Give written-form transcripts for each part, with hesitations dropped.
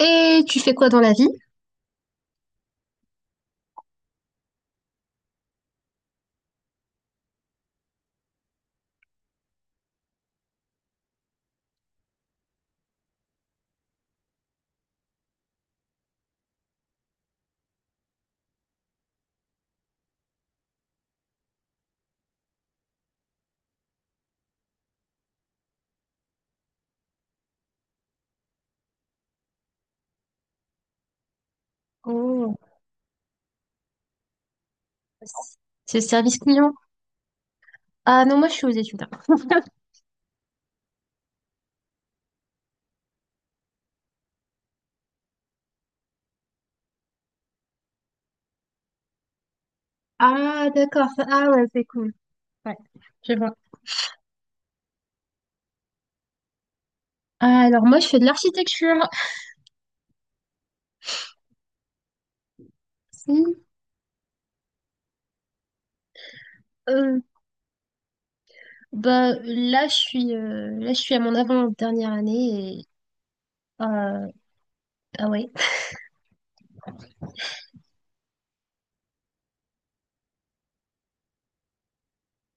Et tu fais quoi dans la vie? Oh, c'est le service client. Ah non, moi je suis aux études. Ah, d'accord. Ah ouais, c'est cool. Ouais, je vois. Ah, alors moi je fais de l'architecture. Hmm, Euh, bah là je suis à mon avant-dernière année et euh, ah ouais.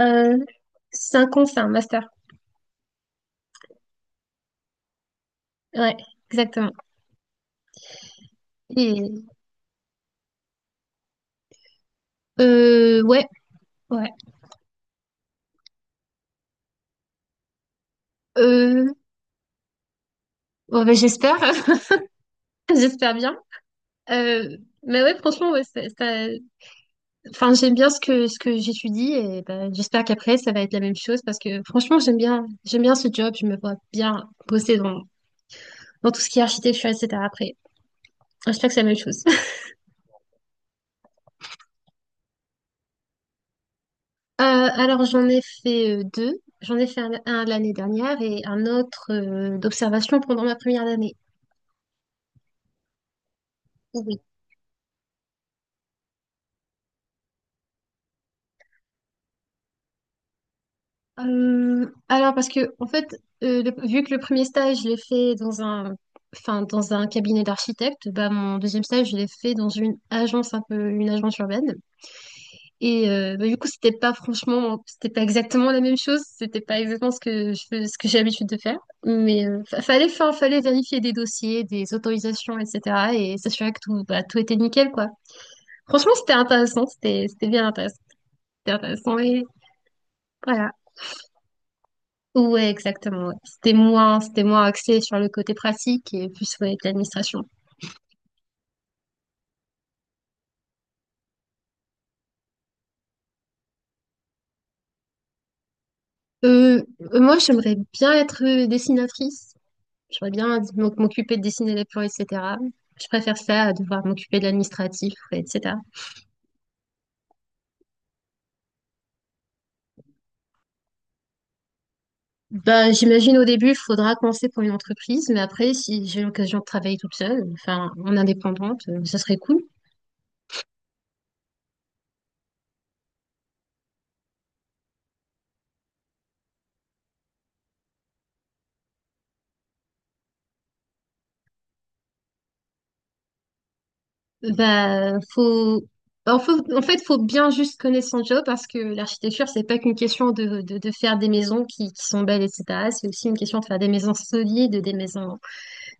Euh, c'est un master. Ouais, exactement. Et ouais, ouais. Euh, bon, bah, j'espère, j'espère bien. Euh, mais ouais, franchement, ouais. Enfin, j'aime bien ce que j'étudie et ben, j'espère qu'après, ça va être la même chose parce que franchement, j'aime bien ce job. Je me vois bien bosser dans tout ce qui est architecture, etc. Après, j'espère que c'est la même chose. Alors, j'en ai fait deux. J'en ai fait un l'année dernière et un autre d'observation pendant ma première année. Oui. Alors, parce que, en fait, vu que le premier stage, je l'ai fait dans un, enfin, dans un cabinet d'architecte, bah, mon deuxième stage, je l'ai fait dans une agence, un peu une agence urbaine. Et bah, du coup, c'était pas franchement, c'était pas exactement la même chose, c'était pas exactement ce que ce que j'ai l'habitude de faire, mais fallait vérifier des dossiers, des autorisations, etc. Et s'assurer que tout, bah, tout était nickel, quoi. Franchement, c'était intéressant, c'était bien intéressant, c'était intéressant et voilà. Ouais, exactement. Ouais. C'était moins axé sur le côté pratique et plus sur l'administration. Euh, Moi, j'aimerais bien être dessinatrice. J'aurais bien dû m'occuper de dessiner les plans, etc. Je préfère ça à devoir m'occuper de l'administratif, etc. Bah, j'imagine au début, il faudra commencer pour une entreprise, mais après, si j'ai l'occasion de travailler toute seule, enfin, en indépendante, ça serait cool. Bah, faut... en fait, faut bien juste connaître son job parce que l'architecture, c'est pas qu'une question de faire des maisons qui sont belles, etc. C'est aussi une question de faire des maisons solides, des maisons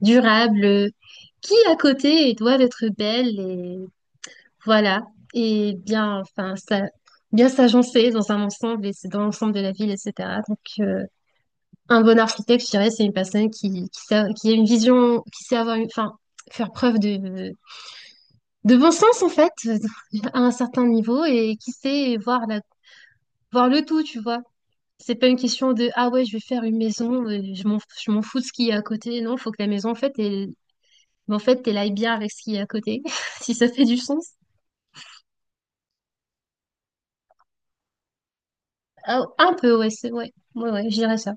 durables, qui à côté doivent être belles. Voilà. Et bien, enfin, ça, bien s'agencer dans un ensemble et c'est dans l'ensemble de la ville, etc. Donc, un bon architecte, je dirais, c'est une personne qui a une vision, qui sait avoir une, enfin, faire preuve de bon sens, en fait, à un certain niveau et qui sait voir le tout, tu vois. C'est pas une question de, ah ouais, je vais faire une maison, je m'en fous de ce qu'il y a à côté. Non, faut que la maison, en fait, elle aille bien avec ce qu'il y a à côté, si ça fait du sens. Ah, un peu, ouais, c'est, ouais, ouais, ouais, je dirais ça.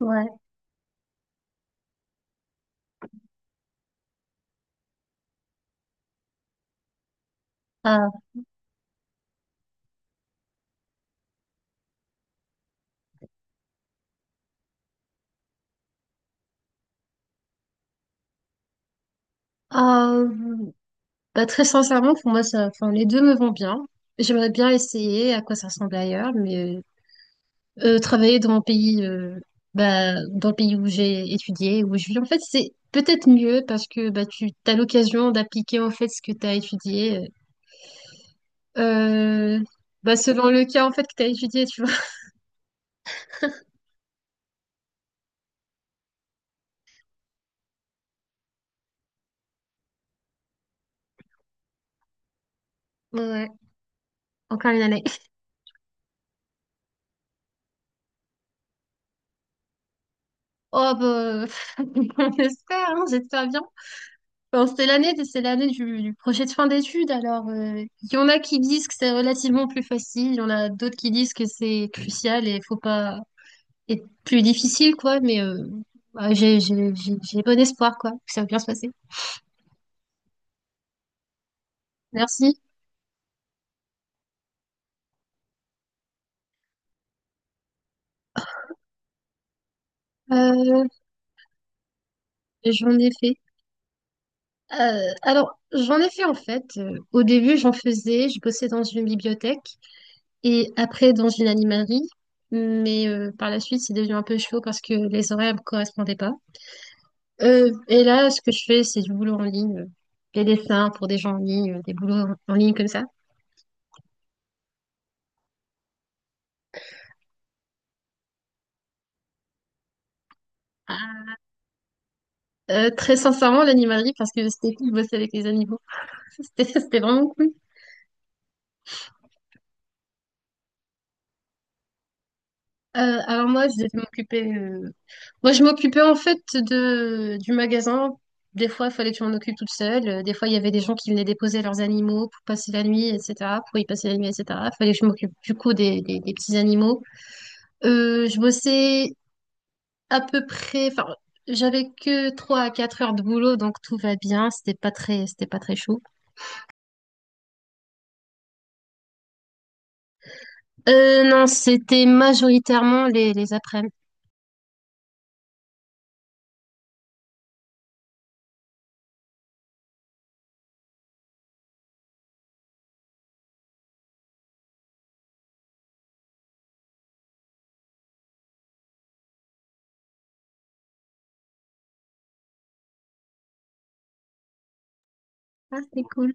Ouais. Ah. Euh, Bah, très sincèrement, pour moi, ça, enfin, les deux me vont bien. J'aimerais bien essayer à quoi ça ressemble ailleurs, mais travailler dans mon pays, bah, dans le pays où j'ai étudié, où je vis, en fait, c'est peut-être mieux parce que bah, tu as l'occasion d'appliquer en fait ce que tu as étudié, euh, bah, selon le cas en fait que tu as étudié, tu vois. Ouais, encore une année. Oh, bah, on espère, hein, j'espère bien. Bon, c'était l'année, c'est l'année du projet de fin d'études. Alors, il y en a qui disent que c'est relativement plus facile, il y en a d'autres qui disent que c'est crucial et faut pas être plus difficile, quoi. Mais bah, j'ai bon espoir, quoi, que ça va bien se passer. Merci. Euh, J'en ai fait. Alors, j'en ai fait en fait. Au début, j'en faisais, je bossais dans une bibliothèque et après dans une animalerie. Mais par la suite, c'est devenu un peu chaud parce que les horaires ne me correspondaient pas. Et là, ce que je fais, c'est du boulot en ligne, des dessins pour des gens en ligne, des boulots en ligne comme ça. Très sincèrement, l'animalerie, parce que c'était cool de bosser avec les animaux. C'était vraiment cool. Alors moi, je devais m'occuper. Moi, je m'occupais en fait de du magasin. Des fois, il fallait que je m'en occupe toute seule. Des fois, il y avait des gens qui venaient déposer leurs animaux pour passer la nuit, etc. Pour y passer la nuit, etc. Il fallait que je m'occupe du coup des petits animaux. Je bossais à peu près, enfin, j'avais que 3 à 4 heures de boulot, donc tout va bien. C'était pas très chaud. Non, c'était majoritairement les après-midi. Ah, c'est cool.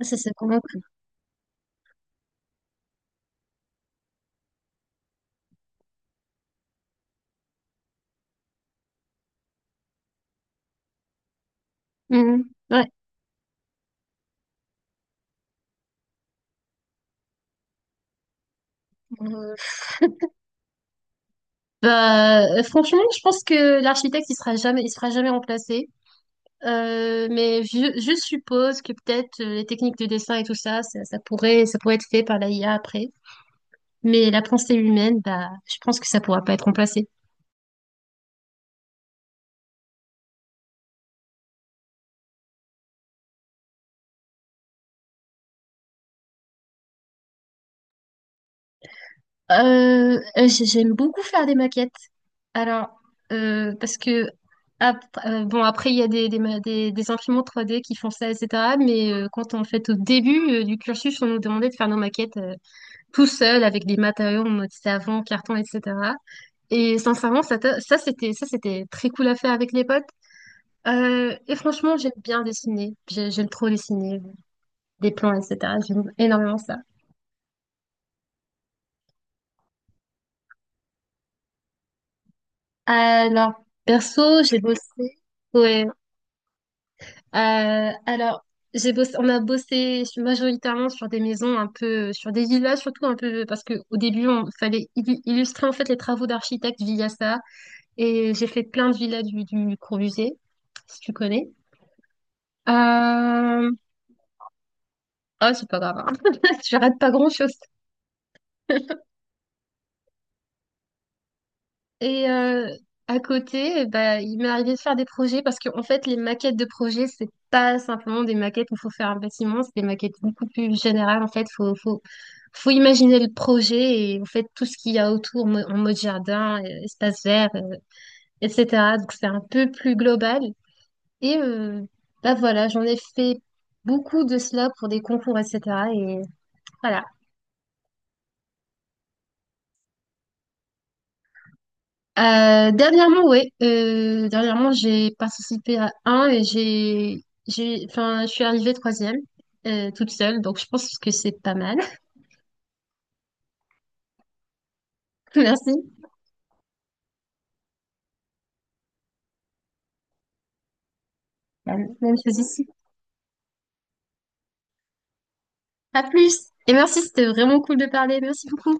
Ah, ça, c'est vraiment cool. Mhm. Ouais. Euh, Bah, franchement, je pense que l'architecte, il sera jamais remplacé. Mais je suppose que peut-être les techniques de dessin et tout ça, ça pourrait être fait par la IA après. Mais la pensée humaine, bah, je pense que ça pourra pas être remplacé. J'aime beaucoup faire des maquettes. Alors, parce que bon, après il y a des imprimantes 3D qui font ça, etc. Mais quand en fait au début du cursus, on nous demandait de faire nos maquettes tout seul avec des matériaux en mode savon, carton, etc. Et sincèrement, ça, c'était très cool à faire avec les potes. Et franchement, j'aime bien dessiner. J'aime trop dessiner des plans, etc. J'aime énormément ça. Alors, perso, j'ai bossé. Ouais. Alors, j'ai bossé, on a bossé majoritairement sur des maisons un peu, sur des villas surtout un peu, parce que au début, on fallait illustrer en fait les travaux d'architecte via ça. Et j'ai fait plein de villas du Corbusier, si tu connais. Euh, Ah, c'est pas grave, hein. Je rate pas grand-chose. Et à côté, bah, il m'est arrivé de faire des projets parce qu'en fait, les maquettes de projets, c'est pas simplement des maquettes où il faut faire un bâtiment, c'est des maquettes beaucoup plus générales. En fait, faut imaginer le projet et en fait, tout ce qu'il y a autour en mode jardin, espace vert, etc. Donc, c'est un peu plus global. Et bah voilà, j'en ai fait beaucoup de cela pour des concours, etc. Et voilà. Dernièrement, oui. Dernièrement, j'ai participé à un et enfin, je suis arrivée troisième, toute seule. Donc, je pense que c'est pas mal. Merci. Même chose ici. À plus. Et merci, c'était vraiment cool de parler. Merci beaucoup.